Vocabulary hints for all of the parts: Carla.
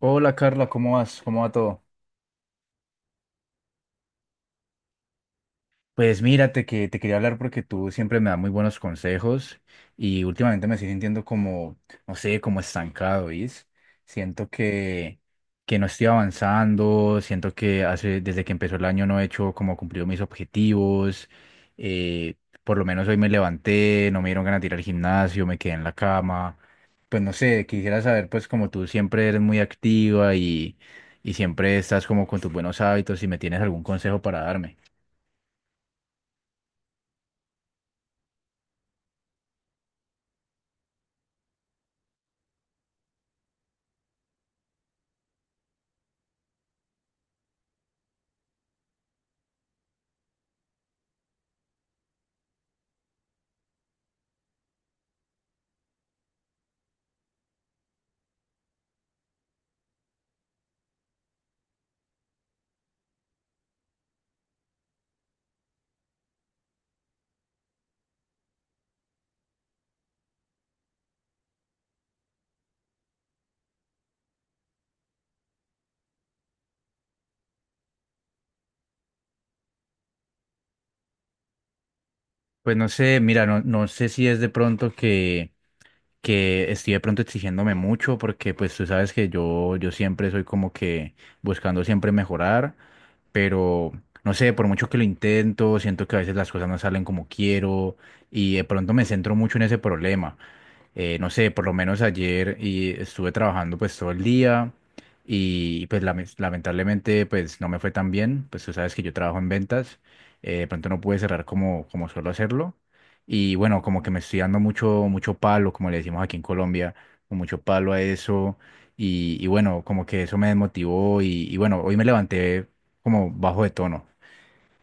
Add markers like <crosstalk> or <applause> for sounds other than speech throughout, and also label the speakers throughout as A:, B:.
A: Hola Carla, ¿cómo vas? ¿Cómo va todo? Pues mírate que te quería hablar porque tú siempre me das muy buenos consejos y últimamente me estoy sintiendo como, no sé, como estancado, ¿viste? Siento que no estoy avanzando, siento que hace, desde que empezó el año no he hecho como cumplido mis objetivos. eh, por lo menos hoy me levanté, no me dieron ganas de ir al gimnasio, me quedé en la cama. Pues no sé, quisiera saber, pues como tú siempre eres muy activa y siempre estás como con tus buenos hábitos, si me tienes algún consejo para darme. Pues no sé, mira, no, no sé si es de pronto que estoy de pronto exigiéndome mucho, porque pues tú sabes que yo siempre soy como que buscando siempre mejorar, pero no sé, por mucho que lo intento, siento que a veces las cosas no salen como quiero y de pronto me centro mucho en ese problema. No sé, por lo menos ayer y estuve trabajando pues todo el día y pues lamentablemente pues no me fue tan bien, pues tú sabes que yo trabajo en ventas. De pronto no pude cerrar como, como suelo hacerlo y bueno, como que me estoy dando mucho, mucho palo, como le decimos aquí en Colombia, con mucho palo a eso y bueno, como que eso me desmotivó y bueno, hoy me levanté como bajo de tono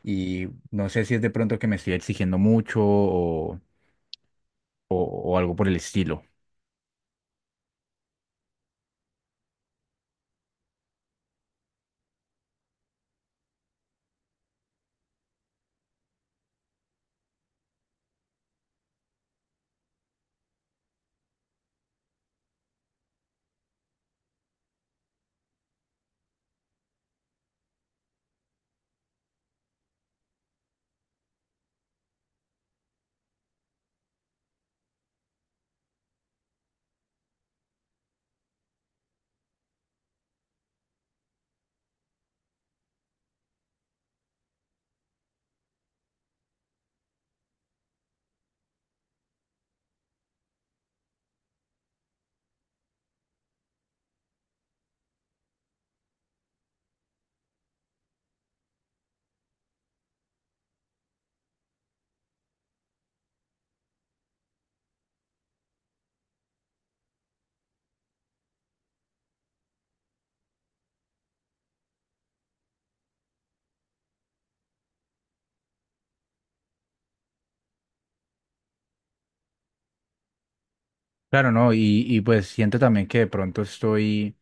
A: y no sé si es de pronto que me estoy exigiendo mucho o o algo por el estilo. Claro, no, y pues siento también que de pronto estoy,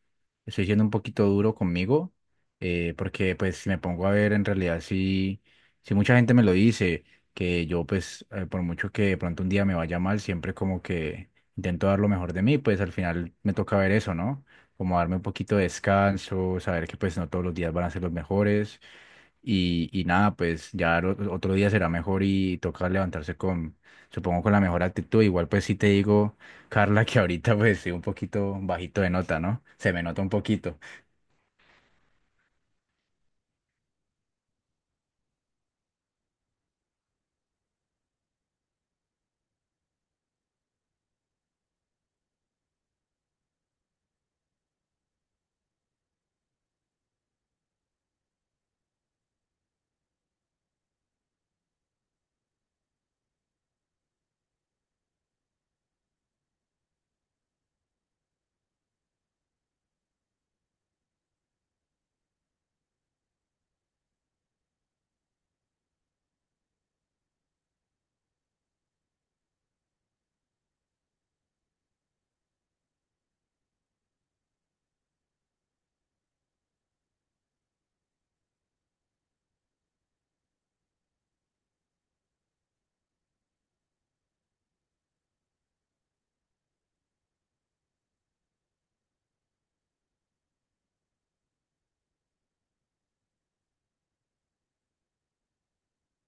A: estoy siendo un poquito duro conmigo. Porque pues si me pongo a ver en realidad si, si mucha gente me lo dice, que yo pues por mucho que de pronto un día me vaya mal, siempre como que intento dar lo mejor de mí, pues al final me toca ver eso, ¿no? Como darme un poquito de descanso, saber que pues no todos los días van a ser los mejores, y nada, pues otro día será mejor y toca levantarse con, supongo, con la mejor actitud. Igual pues sí te digo, Carla, <laughs> que ahorita pues sí un poquito bajito de nota, ¿no? Se me nota un poquito.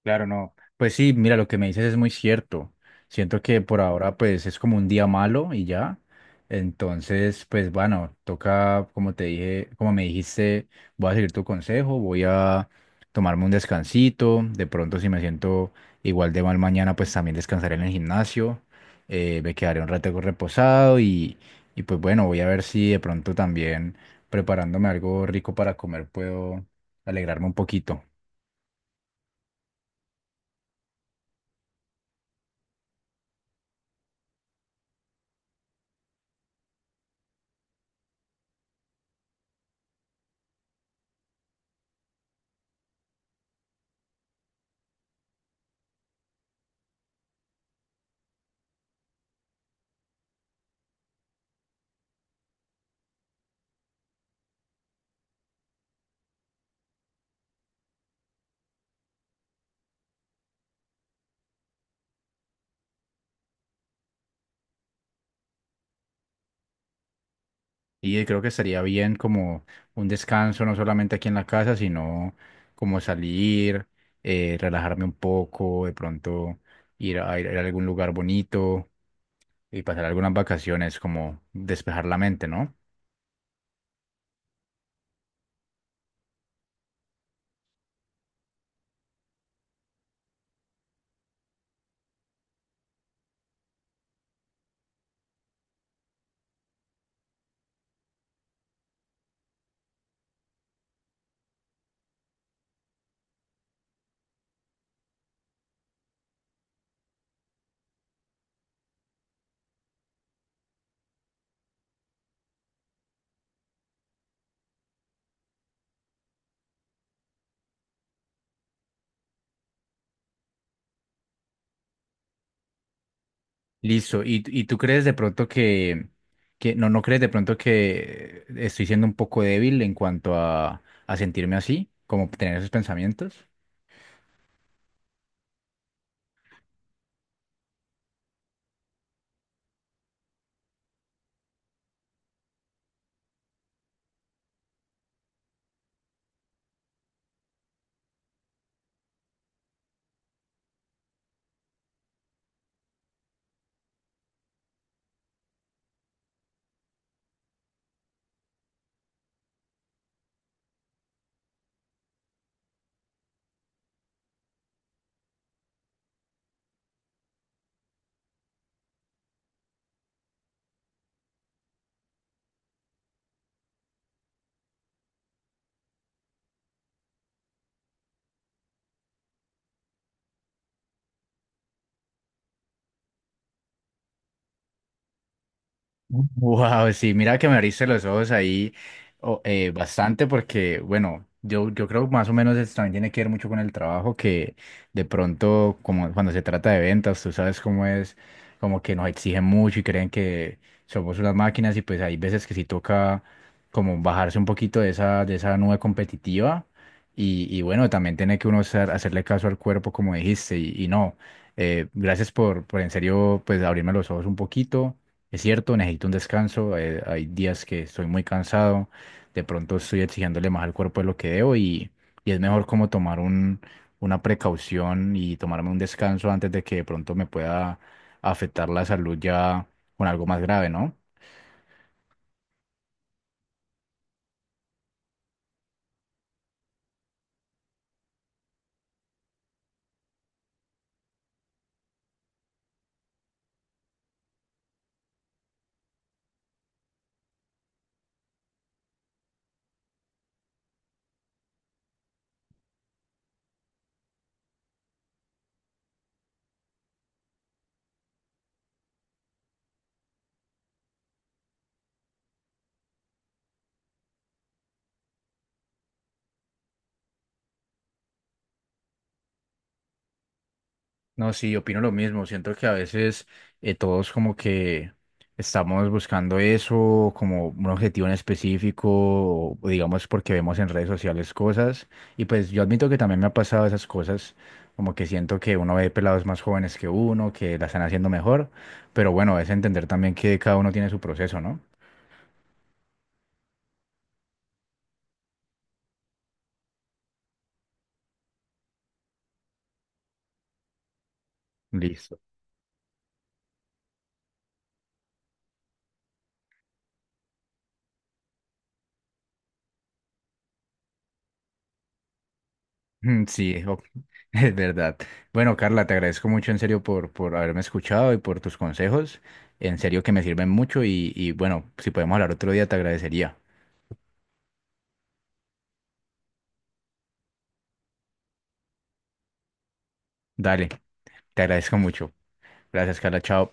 A: Claro, no. Pues sí, mira, lo que me dices es muy cierto. Siento que por ahora pues es como un día malo y ya. Entonces, pues bueno, toca, como te dije, como me dijiste, voy a seguir tu consejo, voy a tomarme un descansito. De pronto, si me siento igual de mal mañana, pues también descansaré en el gimnasio. Me quedaré un rato reposado y pues bueno, voy a ver si de pronto también preparándome algo rico para comer puedo alegrarme un poquito. Y creo que estaría bien como un descanso, no solamente aquí en la casa, sino como salir, relajarme un poco, de pronto ir a algún lugar bonito y pasar algunas vacaciones, como despejar la mente, ¿no? Listo. Y tú crees de pronto que, no, no crees de pronto que estoy siendo un poco débil en cuanto a sentirme así, como tener esos pensamientos? Wow, sí, mira que me abriste los ojos ahí bastante porque, bueno, yo creo que más o menos eso también tiene que ver mucho con el trabajo que de pronto, como cuando se trata de ventas, tú sabes cómo es, como que nos exigen mucho y creen que somos unas máquinas y pues hay veces que sí toca como bajarse un poquito de esa nube competitiva y bueno, también tiene que uno hacerle caso al cuerpo como dijiste y no, gracias por en serio pues abrirme los ojos un poquito. Es cierto, necesito un descanso. Hay días que estoy muy cansado, de pronto estoy exigiéndole más al cuerpo de lo que debo y es mejor como tomar un, una precaución y tomarme un descanso antes de que de pronto me pueda afectar la salud ya con algo más grave, ¿no? No, sí, opino lo mismo. Siento que a veces todos como que estamos buscando eso como un objetivo en específico, o digamos porque vemos en redes sociales cosas. Y pues yo admito que también me ha pasado esas cosas, como que siento que uno ve pelados más jóvenes que uno, que la están haciendo mejor. Pero bueno, es entender también que cada uno tiene su proceso, ¿no? Listo. Mm, sí, o- <laughs> es verdad. Bueno, Carla, te agradezco mucho en serio por haberme escuchado y por tus consejos. En serio que me sirven mucho y bueno, si podemos hablar otro día, te agradecería. Dale, te agradezco mucho. Gracias, Carla. Chao.